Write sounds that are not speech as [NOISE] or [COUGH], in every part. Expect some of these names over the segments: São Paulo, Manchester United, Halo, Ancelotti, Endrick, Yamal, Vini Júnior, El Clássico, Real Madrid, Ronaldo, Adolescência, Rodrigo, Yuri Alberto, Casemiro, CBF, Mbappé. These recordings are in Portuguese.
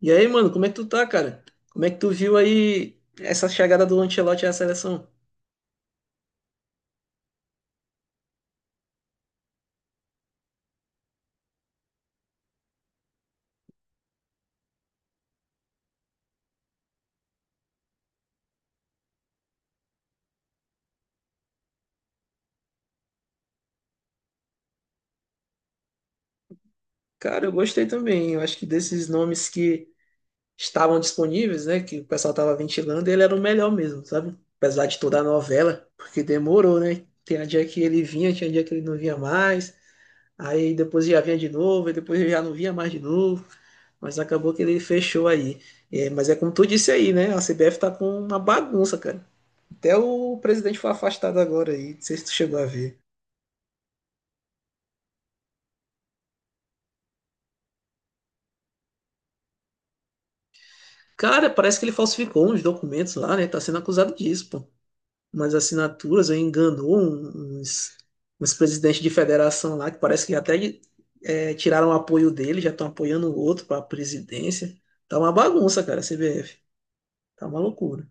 E aí, mano, como é que tu tá, cara? Como é que tu viu aí essa chegada do Ancelotti à seleção? Cara, eu gostei também. Eu acho que desses nomes que estavam disponíveis, né, que o pessoal tava ventilando, ele era o melhor mesmo, sabe? Apesar de toda a novela, porque demorou, né? Tinha dia que ele vinha, tinha dia que ele não vinha mais. Aí depois já vinha de novo, e depois já não vinha mais de novo. Mas acabou que ele fechou aí. É, mas é como tu disse aí, né? A CBF tá com uma bagunça, cara. Até o presidente foi afastado agora aí. Não sei se tu chegou a ver. Cara, parece que ele falsificou uns documentos lá, né? Tá sendo acusado disso, pô. Umas assinaturas, aí enganou uns presidentes de federação lá, que parece que até tiraram o apoio dele, já estão apoiando o outro pra presidência. Tá uma bagunça, cara, a CBF. Tá uma loucura.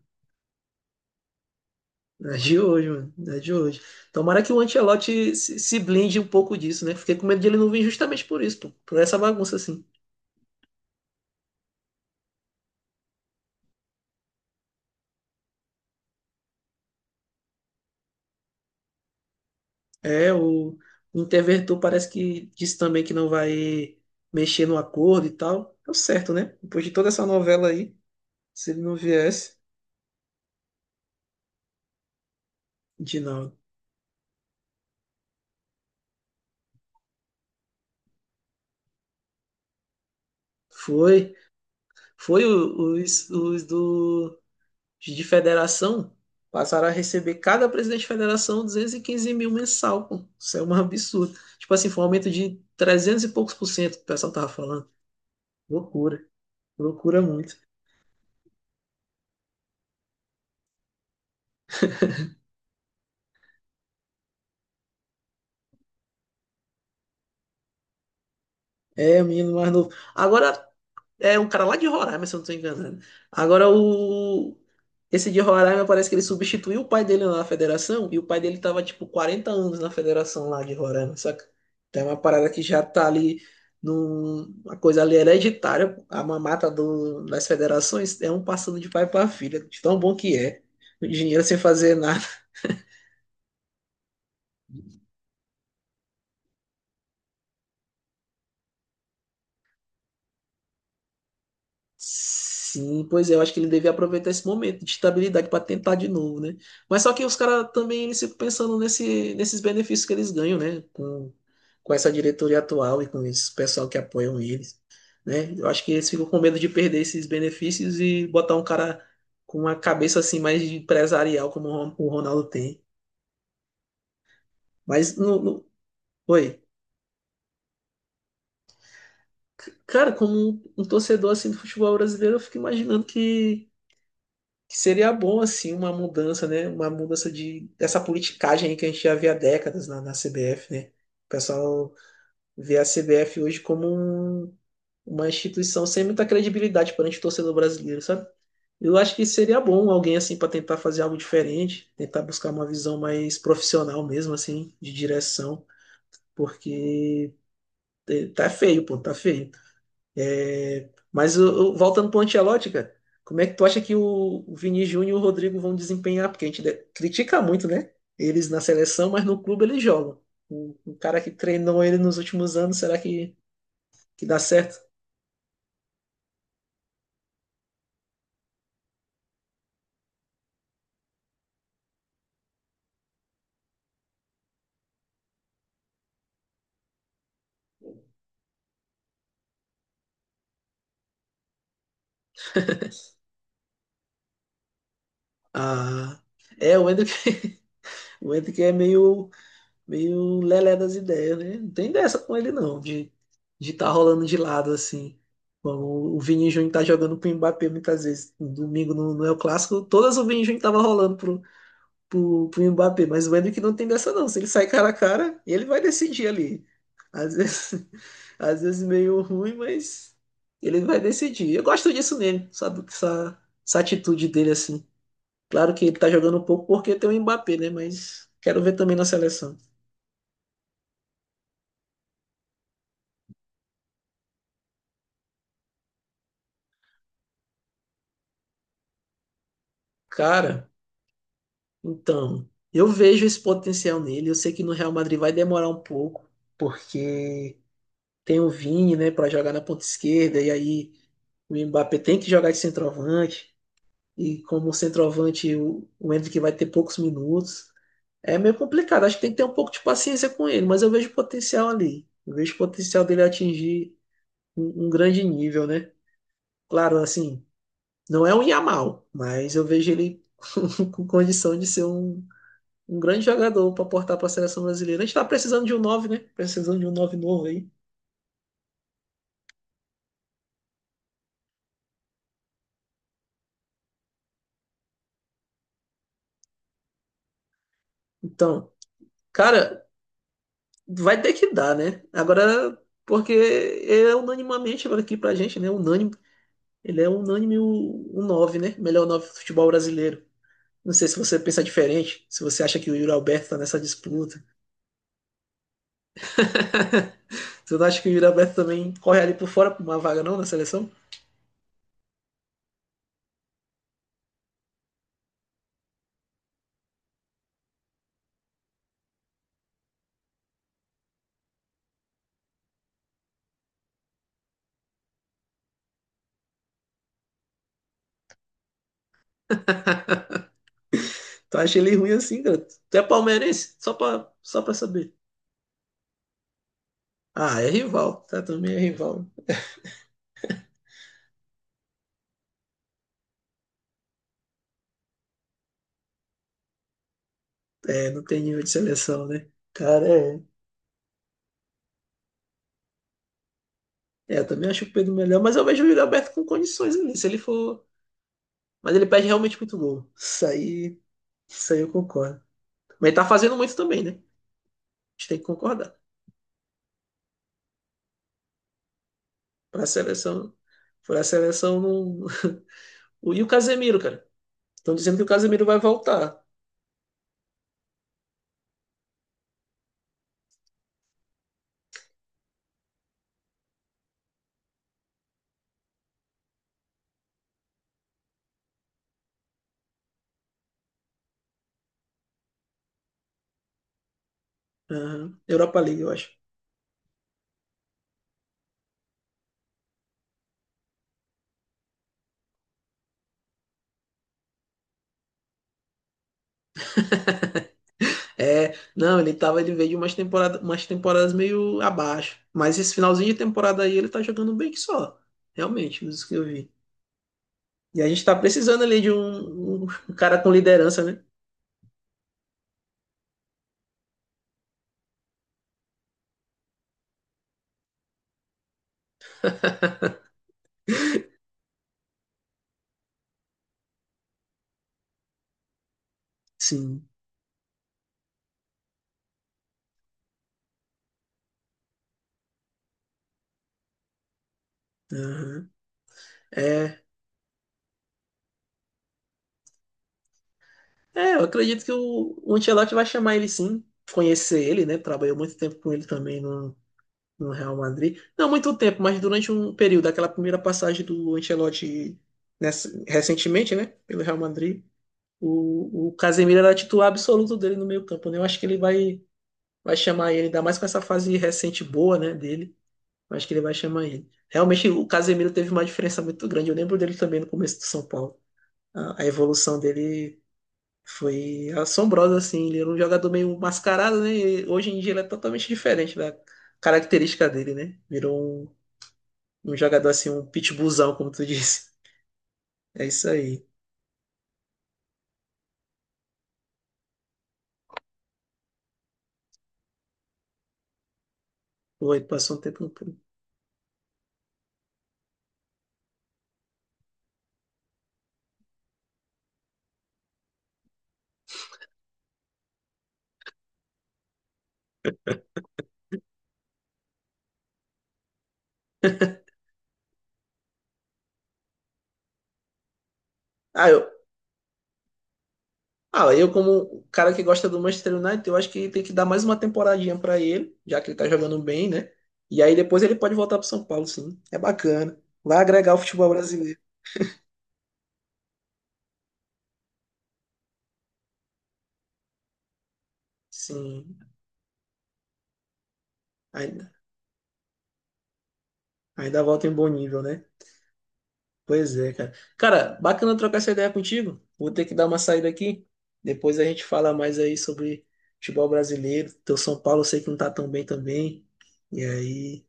Não é de hoje, mano. Não é de hoje. Tomara que o Ancelotti se blinde um pouco disso, né? Fiquei com medo de ele não vir justamente por isso, pô. Por essa bagunça, assim. É, o Interventor parece que disse também que não vai mexer no acordo e tal. Deu certo, né? Depois de toda essa novela aí, se ele não viesse, de não. Foi, foi, de federação passaram a receber cada presidente de federação 215.000 mensal, pô. Isso é um absurdo. Tipo assim, foi um aumento de 300 e poucos por cento que o pessoal tava falando. Loucura, loucura muito. É, o menino mais novo. Agora, é um cara lá de Roraima, se eu não tô enganado. Agora o. Esse de Roraima parece que ele substituiu o pai dele na federação e o pai dele tava tipo 40 anos na federação lá de Roraima, saca? Então é uma parada que já tá ali uma coisa ali hereditária, pô. A mamata das federações é um passando de pai pra filha, de tão bom que é. O dinheiro sem fazer nada. Sim, pois é, eu acho que ele devia aproveitar esse momento de estabilidade para tentar de novo, né? Mas só que os caras também eles ficam pensando nesses benefícios que eles ganham, né? Com essa diretoria atual e com esse pessoal que apoiam eles, né? Eu acho que eles ficam com medo de perder esses benefícios e botar um cara com uma cabeça assim mais de empresarial como o Ronaldo tem. Mas no, no- Oi. Cara, como um torcedor assim do futebol brasileiro, eu fico imaginando que seria bom assim uma mudança, né? Uma mudança de dessa politicagem aí que a gente já vê há décadas na CBF, né? O pessoal vê a CBF hoje como um- uma instituição sem muita credibilidade perante o torcedor brasileiro, sabe? Eu acho que seria bom alguém assim para tentar fazer algo diferente, tentar buscar uma visão mais profissional mesmo assim, de direção, porque tá feio, pô, tá feio. Mas voltando para o Ancelotti, cara, como é que tu acha que o Vini Júnior e o Rodrigo vão desempenhar? Porque a gente critica muito, né? Eles na seleção, mas no clube eles jogam. O cara que treinou ele nos últimos anos, será que dá certo? Ah, é, o Endrick, [LAUGHS] o Endrick é meio lelé das ideias, né? Não tem dessa com ele, não, de estar rolando de lado assim. Bom, o Vini Júnior tá jogando com o Mbappé muitas vezes. No domingo no El Clássico, todas o Vini Júnior tava rolando pro Mbappé, mas o Endrick não tem dessa não. Se ele sai cara a cara, ele vai decidir ali. Às vezes, [LAUGHS] às vezes meio ruim, mas ele vai decidir. Eu gosto disso nele, sabe? Essa atitude dele assim. Claro que ele tá jogando um pouco porque tem o Mbappé, né? Mas quero ver também na seleção. Cara, então, eu vejo esse potencial nele. Eu sei que no Real Madrid vai demorar um pouco, porque tem o Vini, né, para jogar na ponta esquerda, e aí o Mbappé tem que jogar de centroavante. E como centroavante o Hendrick vai ter poucos minutos. É meio complicado, acho que tem que ter um pouco de paciência com ele, mas eu vejo potencial ali. Eu vejo potencial dele atingir um grande nível, né? Claro, assim, não é um Yamal, mas eu vejo ele [LAUGHS] com condição de ser um grande jogador para aportar para a seleção brasileira. A gente tá precisando de um nove, né? Precisando de um 9 novo aí. Então, cara, vai ter que dar, né? Agora, porque é unanimamente agora aqui pra gente, né? Unânime Ele é unânime o 9, né? Melhor 9 do futebol brasileiro. Não sei se você pensa diferente, se você acha que o Yuri Alberto tá nessa disputa. [LAUGHS] Você não acha que o Yuri Alberto também corre ali por fora pra uma vaga não na seleção? [LAUGHS] Tu acha ele ruim assim, cara? Tu é palmeirense? Só pra saber. Ah, é rival, tá? Também é rival. É, não tem nível de seleção, né? Cara, é. É, eu também acho o Pedro melhor, mas eu vejo o Yuri Alberto com condições ali, se ele for. Mas ele perde realmente muito gol. Isso aí eu concordo. Mas ele tá fazendo muito também, né? A gente tem que concordar. Pra seleção. Pra seleção não. E o Casemiro, cara. Estão dizendo que o Casemiro vai voltar. Aham. Europa League, eu acho. [LAUGHS] É, não, ele veio de umas temporadas meio abaixo. Mas esse finalzinho de temporada aí ele tá jogando bem que só. Realmente, isso que eu vi. E a gente tá precisando ali de um cara com liderança, né? Sim. Aham. É, é, eu acredito que o Ancelotti vai chamar ele sim, conhecer ele, né? Trabalhou muito tempo com ele também no Real Madrid. Não muito tempo, mas durante um período, aquela primeira passagem do Ancelotti recentemente, né? Pelo Real Madrid, o Casemiro era titular absoluto dele no meio campo, né? Eu acho que ele vai chamar ele, ainda mais com essa fase recente boa, né, dele. Eu acho que ele vai chamar ele. Realmente, o Casemiro teve uma diferença muito grande. Eu lembro dele também no começo do São Paulo. A evolução dele foi assombrosa, assim. Ele era um jogador meio mascarado, né? E hoje em dia ele é totalmente diferente da característica dele, né? Virou um jogador assim, um pitbullzão, como tu [LAUGHS] disse. É isso aí. Pô, ele passou um tempo no clube. Ah, eu, Ah, eu como cara que gosta do Manchester United, eu acho que tem que dar mais uma temporadinha pra ele, já que ele tá jogando bem, né? E aí depois ele pode voltar pro São Paulo, sim. É bacana. Vai agregar o futebol brasileiro. Sim. Ainda, ainda volta em bom nível, né? Pois é, cara. Cara, bacana trocar essa ideia contigo. Vou ter que dar uma saída aqui. Depois a gente fala mais aí sobre futebol brasileiro. Teu São Paulo eu sei que não tá tão bem também. E aí,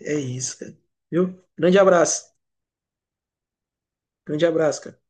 é isso, cara. Viu? Grande abraço. Grande abraço, cara.